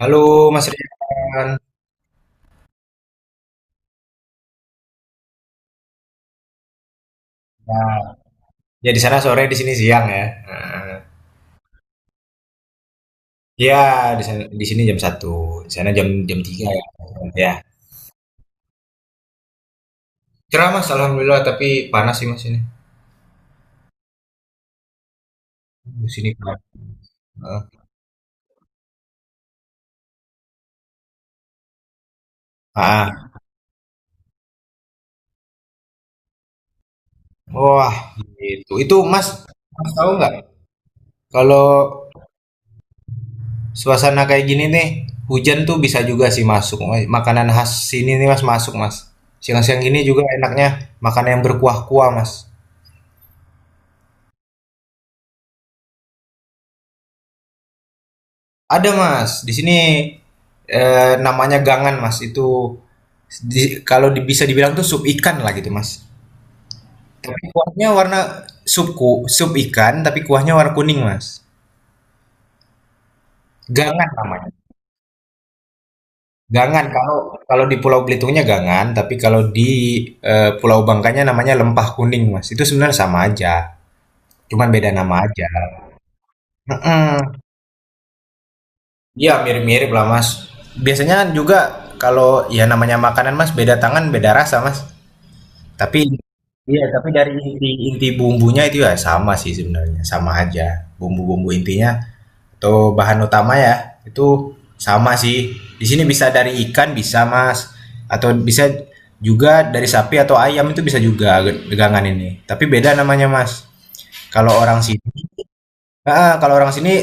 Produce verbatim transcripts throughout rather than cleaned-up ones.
Halo Mas Rian. Nah, ya di sana sore, di sini siang ya. Nah, ya di sana di sini jam satu, di sana jam jam tiga ya. Ya. Cerah Mas, alhamdulillah tapi panas sih Mas ini. Di sini panas. Heeh. Ah, wah gitu. Itu Mas, Mas tahu nggak kalau suasana kayak gini nih, hujan tuh bisa juga sih masuk. Makanan khas sini nih Mas masuk Mas. Siang-siang gini juga enaknya makan yang berkuah-kuah Mas. Ada Mas, di sini, eee, namanya gangan Mas, itu di kalau di bisa dibilang tuh sup ikan lah gitu Mas, tapi kuahnya warna sup ku sup ikan, tapi kuahnya warna kuning Mas, gangan namanya, gangan kalau kalau di Pulau Belitungnya gangan, tapi kalau di, eee, Pulau Bangkanya namanya lempah kuning Mas, itu sebenarnya sama aja, cuman beda nama aja. Mhm, iya mirip-mirip lah Mas, biasanya kan juga kalau ya namanya makanan Mas, beda tangan beda rasa Mas. Tapi iya, tapi dari inti inti bumbunya itu ya sama sih sebenarnya, sama aja. Bumbu-bumbu intinya atau bahan utama ya, itu sama sih. Di sini bisa dari ikan bisa, Mas. Atau bisa juga dari sapi atau ayam itu bisa juga degangan ini. Tapi beda namanya, Mas. Kalau orang sini, ah, kalau orang sini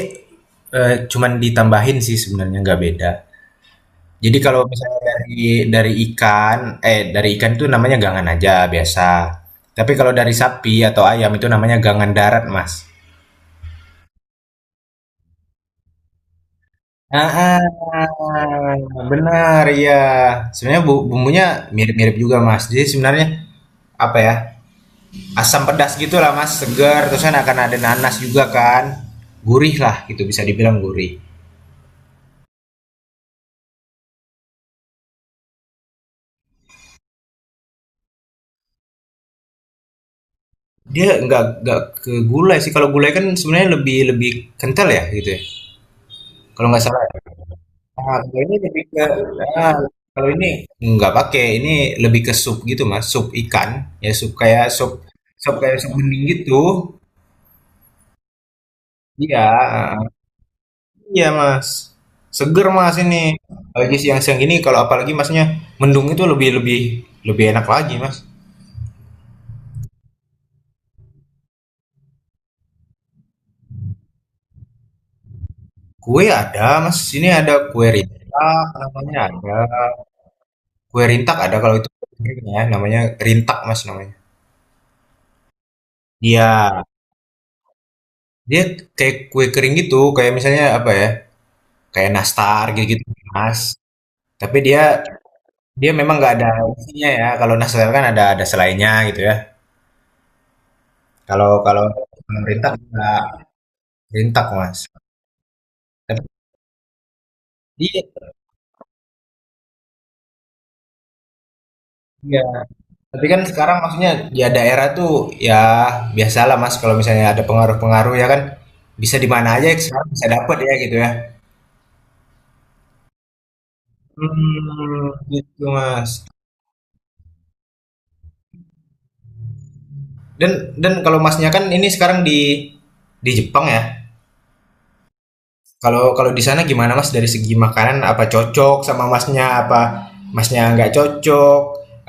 eh, cuman ditambahin sih sebenarnya nggak beda. Jadi kalau misalnya dari dari ikan eh, dari ikan itu namanya gangan aja, biasa. Tapi kalau dari sapi atau ayam itu namanya gangan darat, Mas. Ah benar, ya. Sebenarnya bu bumbunya mirip-mirip juga, Mas. Jadi sebenarnya apa ya? Asam pedas gitulah, Mas. Segar, terus kan akan ada nanas juga kan. Gurih lah gitu bisa dibilang gurih. Dia nggak nggak ke gulai sih. Kalau gulai kan sebenarnya lebih lebih kental ya gitu ya. Kalau nggak salah. Ah, kalau ini lebih ke ah, Kalau ini nggak pakai, ini lebih ke sup gitu Mas, sup ikan, ya sup kayak sup sup kayak sup bening gitu. Iya, ah, iya Mas. Seger Mas ini. Lagi siang-siang ini kalau apalagi Masnya mendung itu lebih lebih lebih enak lagi Mas. Kue ada Mas, sini ada kue rintak namanya ada. Kue rintak ada kalau itu ya, namanya rintak Mas namanya. Iya, dia kayak kue kering gitu, kayak misalnya apa ya? Kayak nastar gitu mas, tapi dia dia memang nggak ada isinya ya, kalau nastar kan ada ada selainya gitu ya. Kalau kalau kalau nggak rintak, Mas. Tapi dia, iya, tapi kan sekarang maksudnya ya daerah tuh ya biasalah, Mas, kalau misalnya ada pengaruh-pengaruh ya kan, bisa di mana aja sekarang bisa dapet ya gitu ya. Hmm gitu, Mas. Dan dan kalau Masnya kan ini sekarang di di Jepang ya? Kalau kalau di sana gimana Mas dari segi makanan apa cocok sama Masnya apa Masnya nggak cocok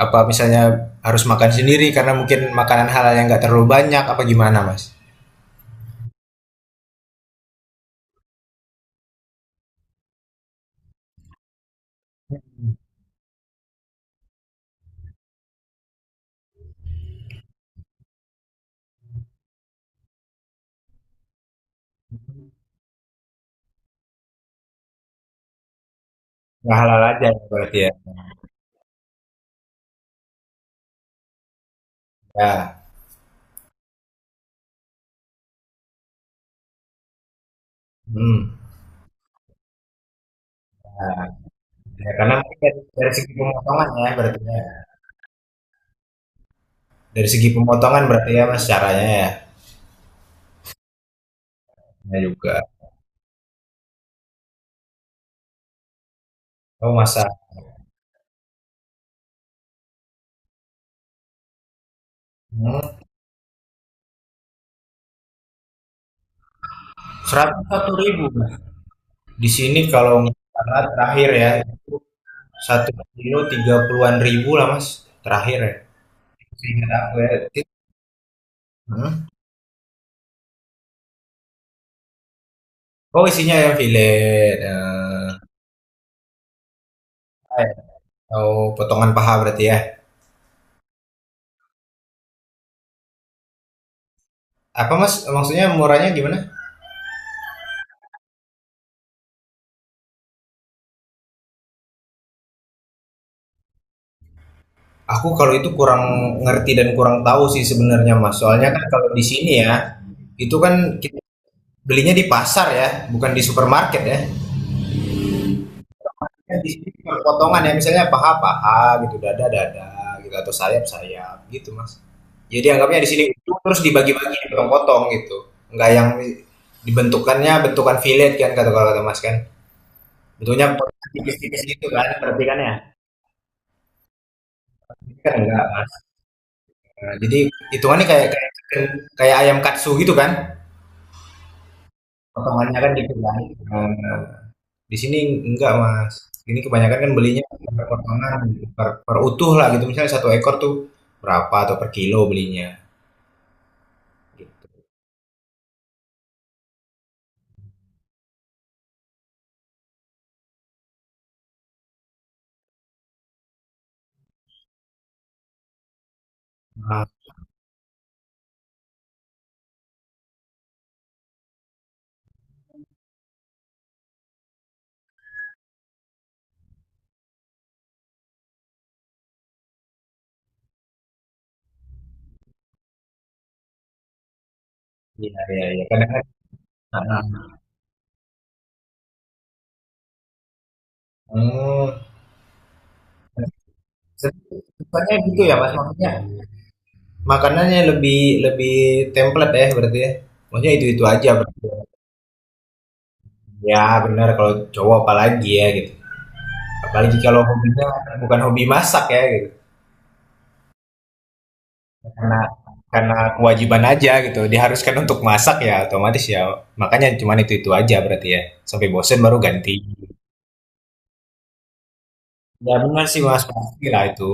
apa misalnya harus makan sendiri karena mungkin makanan halal yang nggak terlalu banyak apa gimana Mas? Nggak halal aja ya berarti ya. Ya. Hmm. Ya, karena mungkin dari, dari segi pemotongan ya berarti ya. Dari segi pemotongan berarti ya Mas caranya ya. Ya juga. Oh masak. Hmm. Seratus satu ribu. Di sini kalau nggak salah terakhir ya satu kilo tiga puluhan ribu lah Mas terakhir ya. Ingat aku ya. Hmm? Oh isinya ya filet eh, eh, atau potongan paha berarti ya. Apa mas maksudnya murahnya gimana? Aku kalau itu kurang ngerti dan kurang tahu sih sebenarnya mas. Soalnya kan kalau di sini ya itu kan kita belinya di pasar ya, bukan di supermarket ya. Ya di sini cuma potongan ya, misalnya paha-paha gitu, dada-dada gitu, atau sayap-sayap gitu, Mas. Jadi anggapnya di sini itu terus dibagi-bagi, dipotong-potong gitu. Enggak yang dibentukannya bentukan fillet kan kata kalau kata Mas kan. Bentuknya potongan tipis-tipis gitu kan, berarti kan ya? Ini kan enggak, Mas. Nah, jadi hitungannya kayak kayak kayak ayam katsu gitu kan, potongannya kan gitu kan. Di sini enggak, Mas. Ini kebanyakan kan belinya per potongan, per, per utuh lah gitu. Misalnya satu ekor tuh berapa atau per kilo belinya gitu. Ah, iya iya iya. Kadang kan heeh. hmm, se- Sukanya gitu ya, Mas. Maksudnya makanannya lebih lebih template ya berarti ya. Maksudnya itu-itu aja berarti. Ya, benar kalau cowok apalagi ya gitu. Apalagi kalau hobinya bukan hobi masak ya gitu. karena karena kewajiban aja gitu diharuskan untuk masak ya otomatis ya makanya cuman itu itu aja berarti ya sampai bosen baru ganti. Ya benar sih mas pasti lah itu.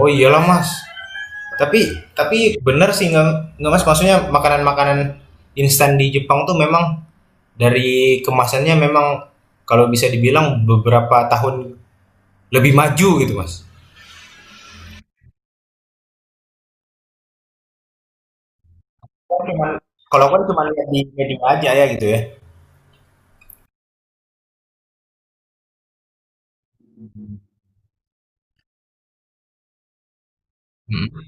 Oh iyalah mas, tapi tapi bener sih nggak nggak mas, maksudnya makanan makanan instan di Jepang tuh memang dari kemasannya memang kalau bisa dibilang beberapa tahun lebih maju gitu mas. Kan cuman- Kalau kan cuma lihat di media aja ya gitu ya. Hmm.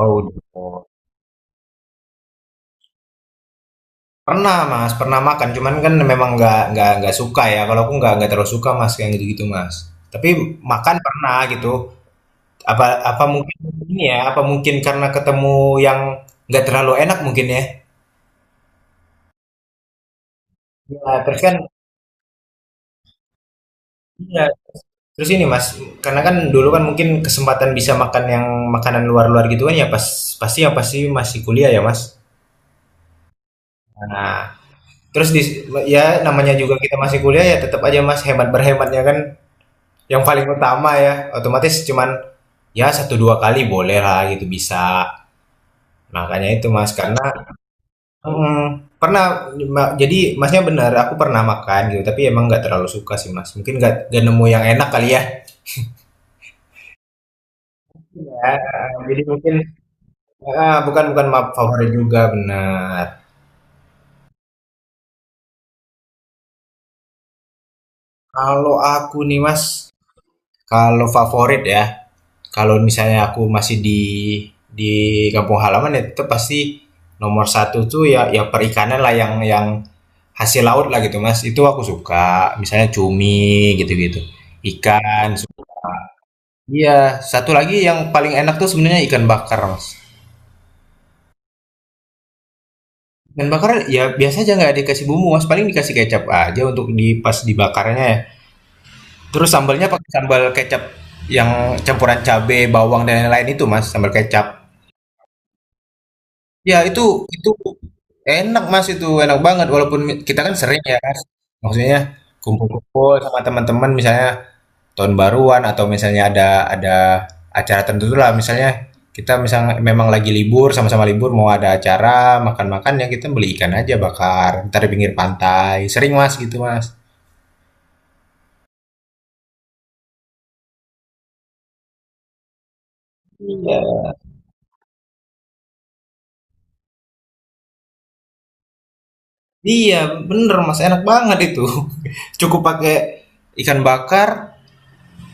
Oh udah. Pernah Mas, pernah makan, cuman kan memang nggak nggak nggak suka ya, kalau aku nggak nggak terlalu suka Mas, yang gitu-gitu Mas. Tapi makan pernah gitu, apa apa mungkin ini ya, apa mungkin karena ketemu yang nggak terlalu enak mungkin ya? Iya, terus kan iya, terus ini Mas, karena kan dulu kan mungkin kesempatan bisa makan yang makanan luar-luar gitu kan ya pas pasti yang pasti masih kuliah ya Mas. Nah, terus dis ya namanya juga kita masih kuliah ya tetap aja Mas hemat berhematnya kan yang paling utama ya otomatis cuman ya satu dua kali boleh lah gitu bisa. Nah, makanya itu mas karena mm, pernah ma- jadi masnya benar aku pernah makan gitu tapi emang nggak terlalu suka sih mas mungkin nggak nggak nemu yang enak kali ya. Ya, jadi mungkin ah, bukan bukan ma- favorit juga benar. Kalau aku nih mas kalau favorit ya kalau misalnya aku masih di di kampung halaman ya itu pasti nomor satu tuh ya ya perikanan lah yang yang hasil laut lah gitu mas itu aku suka misalnya cumi gitu-gitu ikan. Iya satu lagi yang paling enak tuh sebenarnya ikan bakar mas. Ikan bakar ya biasa aja nggak dikasih bumbu mas paling dikasih kecap aja untuk di pas dibakarnya ya, terus sambalnya pakai sambal kecap yang campuran cabe bawang dan lain-lain itu mas sambal kecap ya itu itu enak mas itu enak banget walaupun mi- kita kan sering ya mas, maksudnya kumpul-kumpul sama teman-teman misalnya tahun baruan atau misalnya ada ada acara tertentu lah misalnya kita misalnya memang lagi libur sama-sama libur mau ada acara makan-makan ya kita beli ikan aja bakar ntar di pinggir pantai sering mas gitu mas. Iya, iya bener mas enak banget itu. Cukup pakai ikan bakar,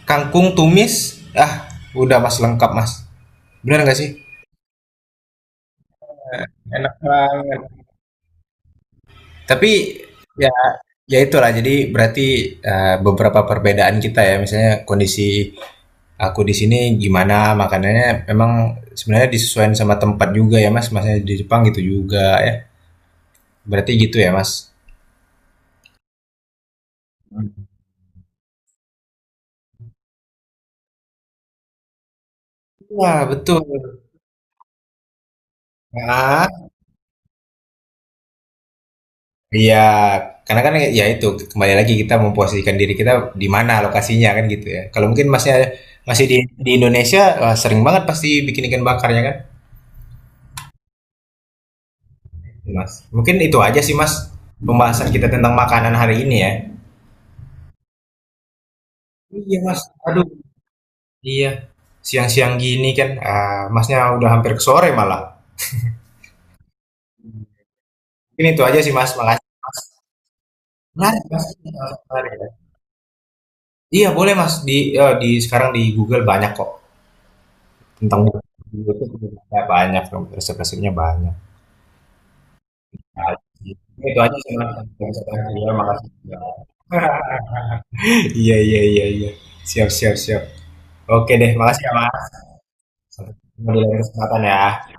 kangkung tumis, ah udah mas lengkap mas bener nggak sih. Enak banget. Tapi ya ya itulah jadi berarti eh, beberapa perbedaan kita ya misalnya kondisi aku di sini gimana makanannya memang sebenarnya disesuaikan sama tempat juga ya Mas, masnya di Jepang gitu juga ya berarti gitu ya Mas. Wah betul nah, iya karena kan ya itu kembali lagi kita memposisikan diri kita di mana lokasinya kan gitu ya kalau mungkin Masnya masih di di Indonesia wah, sering banget pasti bikin ikan bakarnya kan. Mas mungkin itu aja sih Mas pembahasan kita tentang makanan hari ini ya. Iya Mas aduh iya siang-siang gini kan ah, Masnya udah hampir ke sore malah. Mungkin itu aja sih Mas, makasih Mas. Menarik Mas, heeh, menarik ya. Iya boleh Mas, di eee, di sekarang di Google banyak kok tentang di YouTube juga banyak dong, resep-resepnya banyak. Pasti. Itu aja sih Mas, iya makasih. Iya iya iya iya. Siap siap siap. Oke deh, makasih ya Mas. Sampai ketemu di lain kesempatan ya.